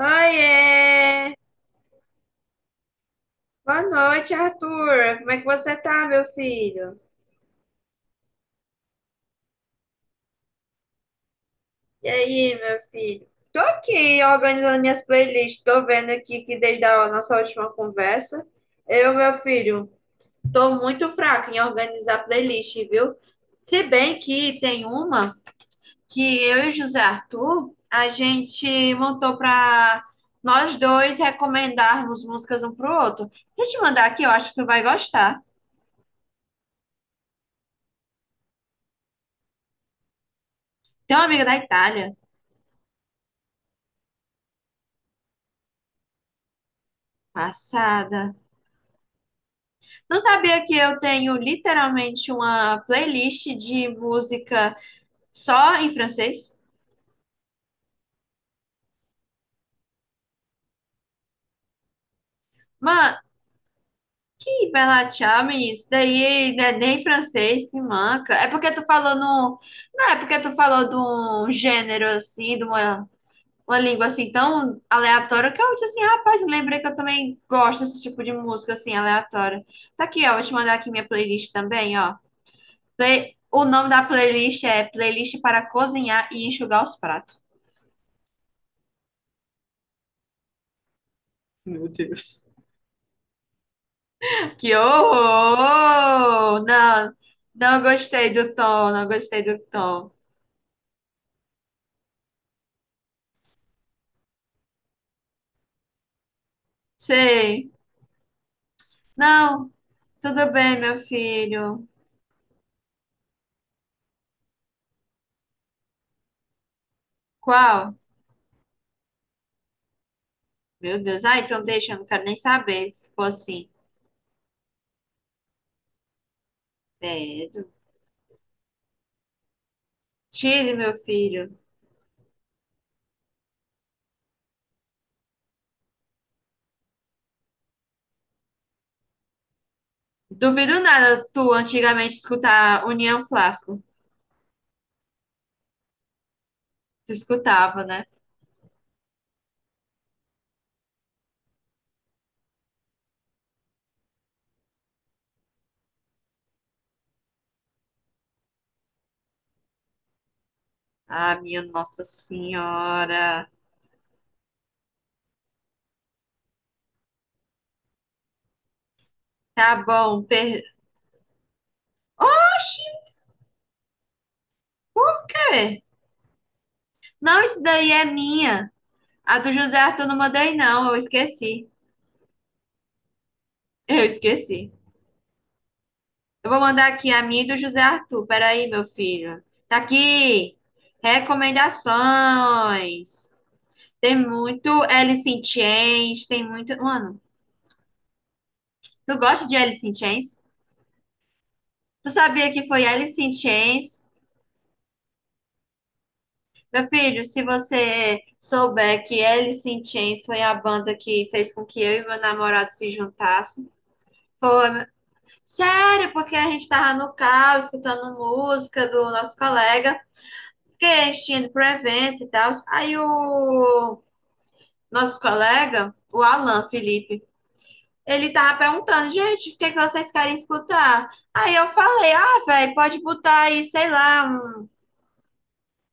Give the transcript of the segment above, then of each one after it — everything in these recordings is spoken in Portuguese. Oiê! Boa noite, Arthur. Como é que você tá, meu filho? E aí, meu filho? Tô aqui organizando minhas playlists. Tô vendo aqui que desde a nossa última conversa, eu, meu filho, tô muito fraca em organizar playlist, viu? Se bem que tem uma que eu e o José Arthur, a gente montou pra nós dois recomendarmos músicas um pro outro. Deixa eu te mandar aqui, eu acho que tu vai gostar. Tem uma amiga da Itália. Passada. Tu sabia que eu tenho literalmente uma playlist de música só em francês? Mano, ih, Bela Tchau, menino, isso daí não é nem francês, se manca. É porque tu falou no. Não, é porque tu falou de um gênero assim, de uma língua assim tão aleatória que eu disse assim, rapaz, eu lembrei que eu também gosto desse tipo de música assim, aleatória. Tá aqui, ó, vou te mandar aqui minha playlist também, ó. O nome da playlist é Playlist para Cozinhar e Enxugar os Pratos. Meu Deus. Que horror! Não, não gostei do tom, não gostei do tom. Sei. Não, tudo bem, meu filho. Qual? Meu Deus. Ah, então deixa, eu não quero nem saber se for assim. Credo. Tire, meu filho. Duvido nada tu antigamente escutar União Flasco. Tu escutava, né? Ah, minha Nossa Senhora. Tá bom. Per... Oxi, por quê? Não, isso daí é minha. A do José Arthur não mandei, não. Eu esqueci. Eu esqueci. Eu vou mandar aqui a minha e do José Arthur. Peraí, meu filho. Tá aqui. Recomendações. Tem muito Alice in Chains. Tem muito. Mano, tu gosta de Alice in Chains? Tu sabia que foi Alice in Chains? Meu filho, se você souber que Alice in Chains foi a banda que fez com que eu e meu namorado se juntassem. Foi, meu- sério, porque a gente tava no carro escutando música do nosso colega, que a gente tinha ido pro evento e tal. Aí o nosso colega, o Alan Felipe, ele tava perguntando, gente, o que é que vocês querem escutar? Aí eu falei, ah, velho, pode botar aí, sei lá, um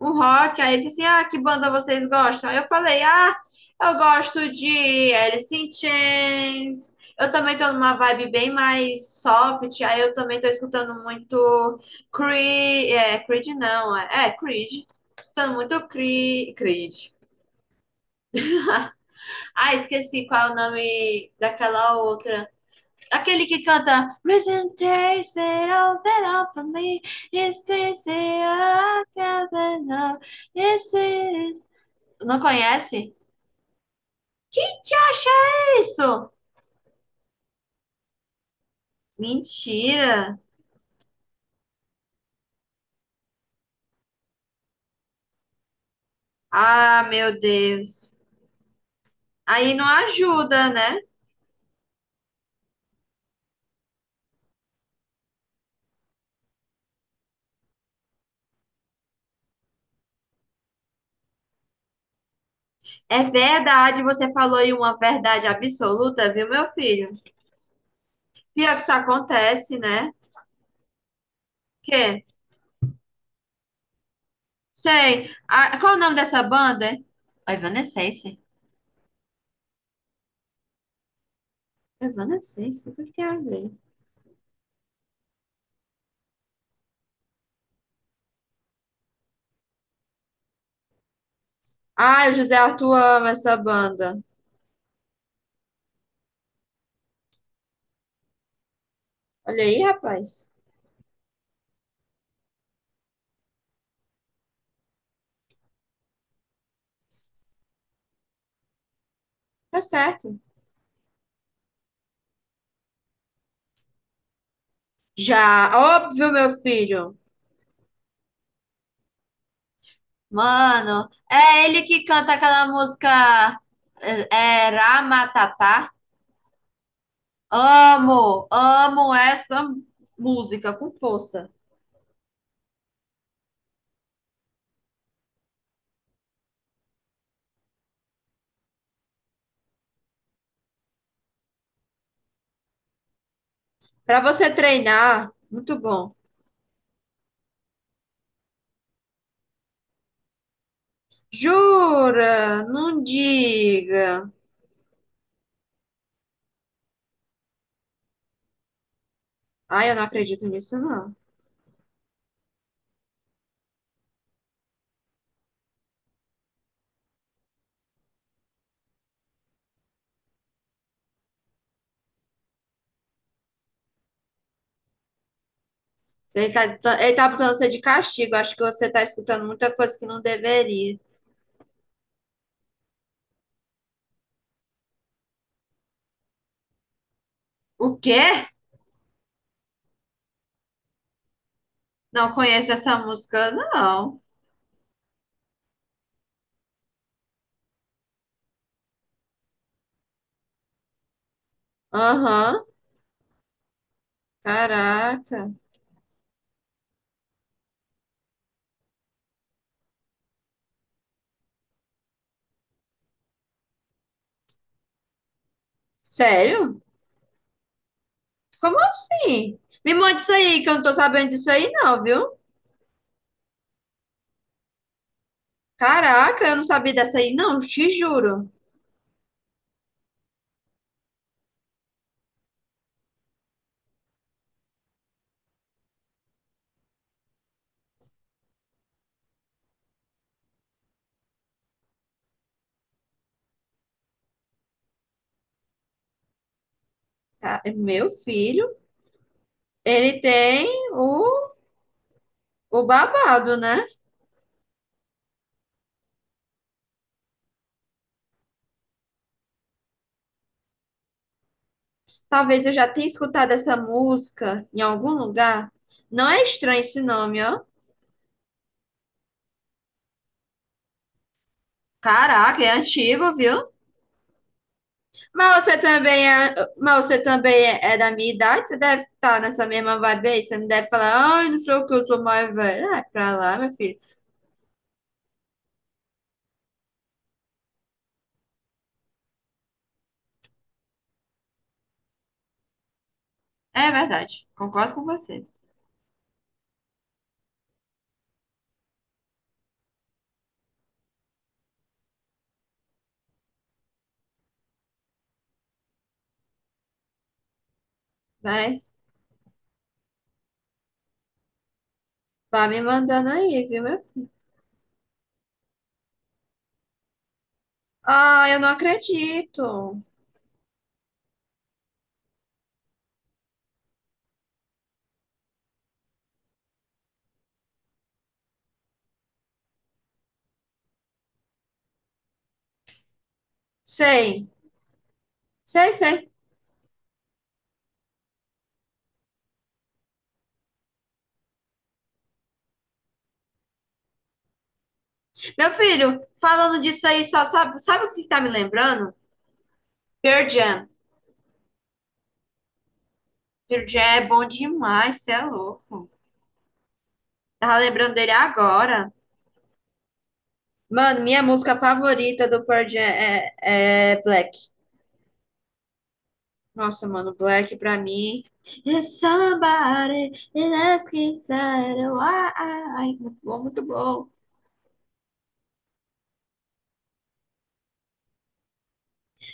rock. Aí ele disse assim: Ah, que banda vocês gostam? Aí eu falei: Ah, eu gosto de Alice in Chains. Eu também tô numa vibe bem mais soft. Aí eu também tô escutando muito Creed. É, Creed não, é, é Creed. Escutando muito Creed. Creed. Ah, esqueci qual é o nome daquela outra. Aquele que canta Reason takes it all that all for me. It's easy, I can't enough. It's easy, não conhece? Que acha é isso? Mentira. Ah, meu Deus. Aí não ajuda, né? É verdade, você falou aí uma verdade absoluta, viu, meu filho? Pior que isso acontece, né? Que? Sei. Ah, qual o nome dessa banda? A Evanescence. Evanescence, o que tem a ver? Ah, o José Arthur ama essa banda. Olha aí, rapaz. Tá certo. Já, óbvio, meu filho. Mano, é ele que canta aquela música Ramatatá. Amo, amo essa música com força. Pra você treinar, muito bom. Jura? Não diga. Ai, eu não acredito nisso, não. Ele tá botando você de castigo. Acho que você tá escutando muita coisa que não deveria. O quê? Não conhece essa música, não. Aham. Caraca. Sério? Como assim? Me manda isso aí, que eu não tô sabendo disso aí, não, viu? Caraca, eu não sabia dessa aí, não, te juro. Tá, meu filho, ele tem o, o babado, né? Talvez eu já tenha escutado essa música em algum lugar. Não é estranho esse nome, ó. Caraca, é antigo, viu? Mas você também é, é da minha idade, você deve estar nessa mesma vibe aí. Você não deve falar, ai, não sei o que, eu sou mais velho. Ah, é pra lá, meu filho. É verdade, concordo com você. Vai, vai me mandando aí, viu, meu? Ah, eu não acredito. Sei, sei, sei. Meu filho, falando disso aí, só sabe, sabe o que tá me lembrando? Pearl Jam. Pearl Jam é bom demais, você é louco. Tava lembrando dele agora. Mano, minha música favorita do Pearl Jam é Black. Nossa, mano, Black pra mim. It's somebody is asking, inside. Why? Muito bom, muito bom.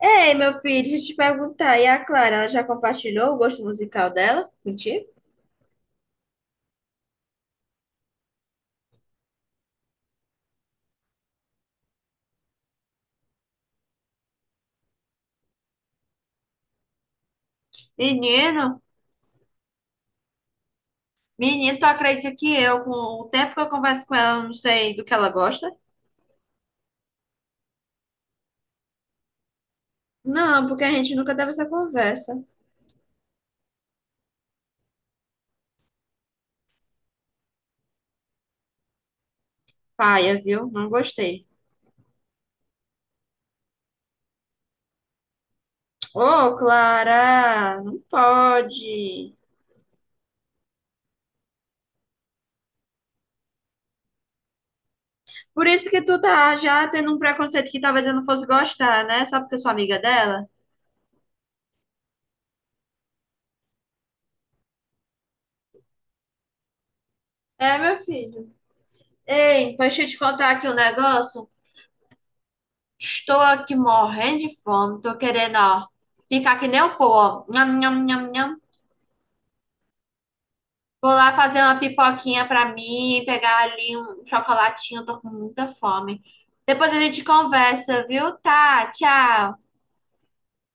Ei, meu filho, deixa eu te perguntar. E a Clara, ela já compartilhou o gosto musical dela contigo? Menino, menino, tu acredita que eu, com o tempo que eu converso com ela, eu não sei do que ela gosta? Não, porque a gente nunca teve essa conversa. Paia, viu? Não gostei. Ô, Clara, não pode. Por isso que tu tá já tendo um preconceito que talvez eu não fosse gostar, né? Só porque eu sou amiga dela. É, meu filho. Ei, deixa eu te contar aqui um negócio. Estou aqui morrendo de fome. Tô querendo, ó, ficar que nem o pô, ó. Nham, nham, nham, nham. Vou lá fazer uma pipoquinha pra mim, pegar ali um chocolatinho. Tô com muita fome. Depois a gente conversa, viu? Tá, tchau.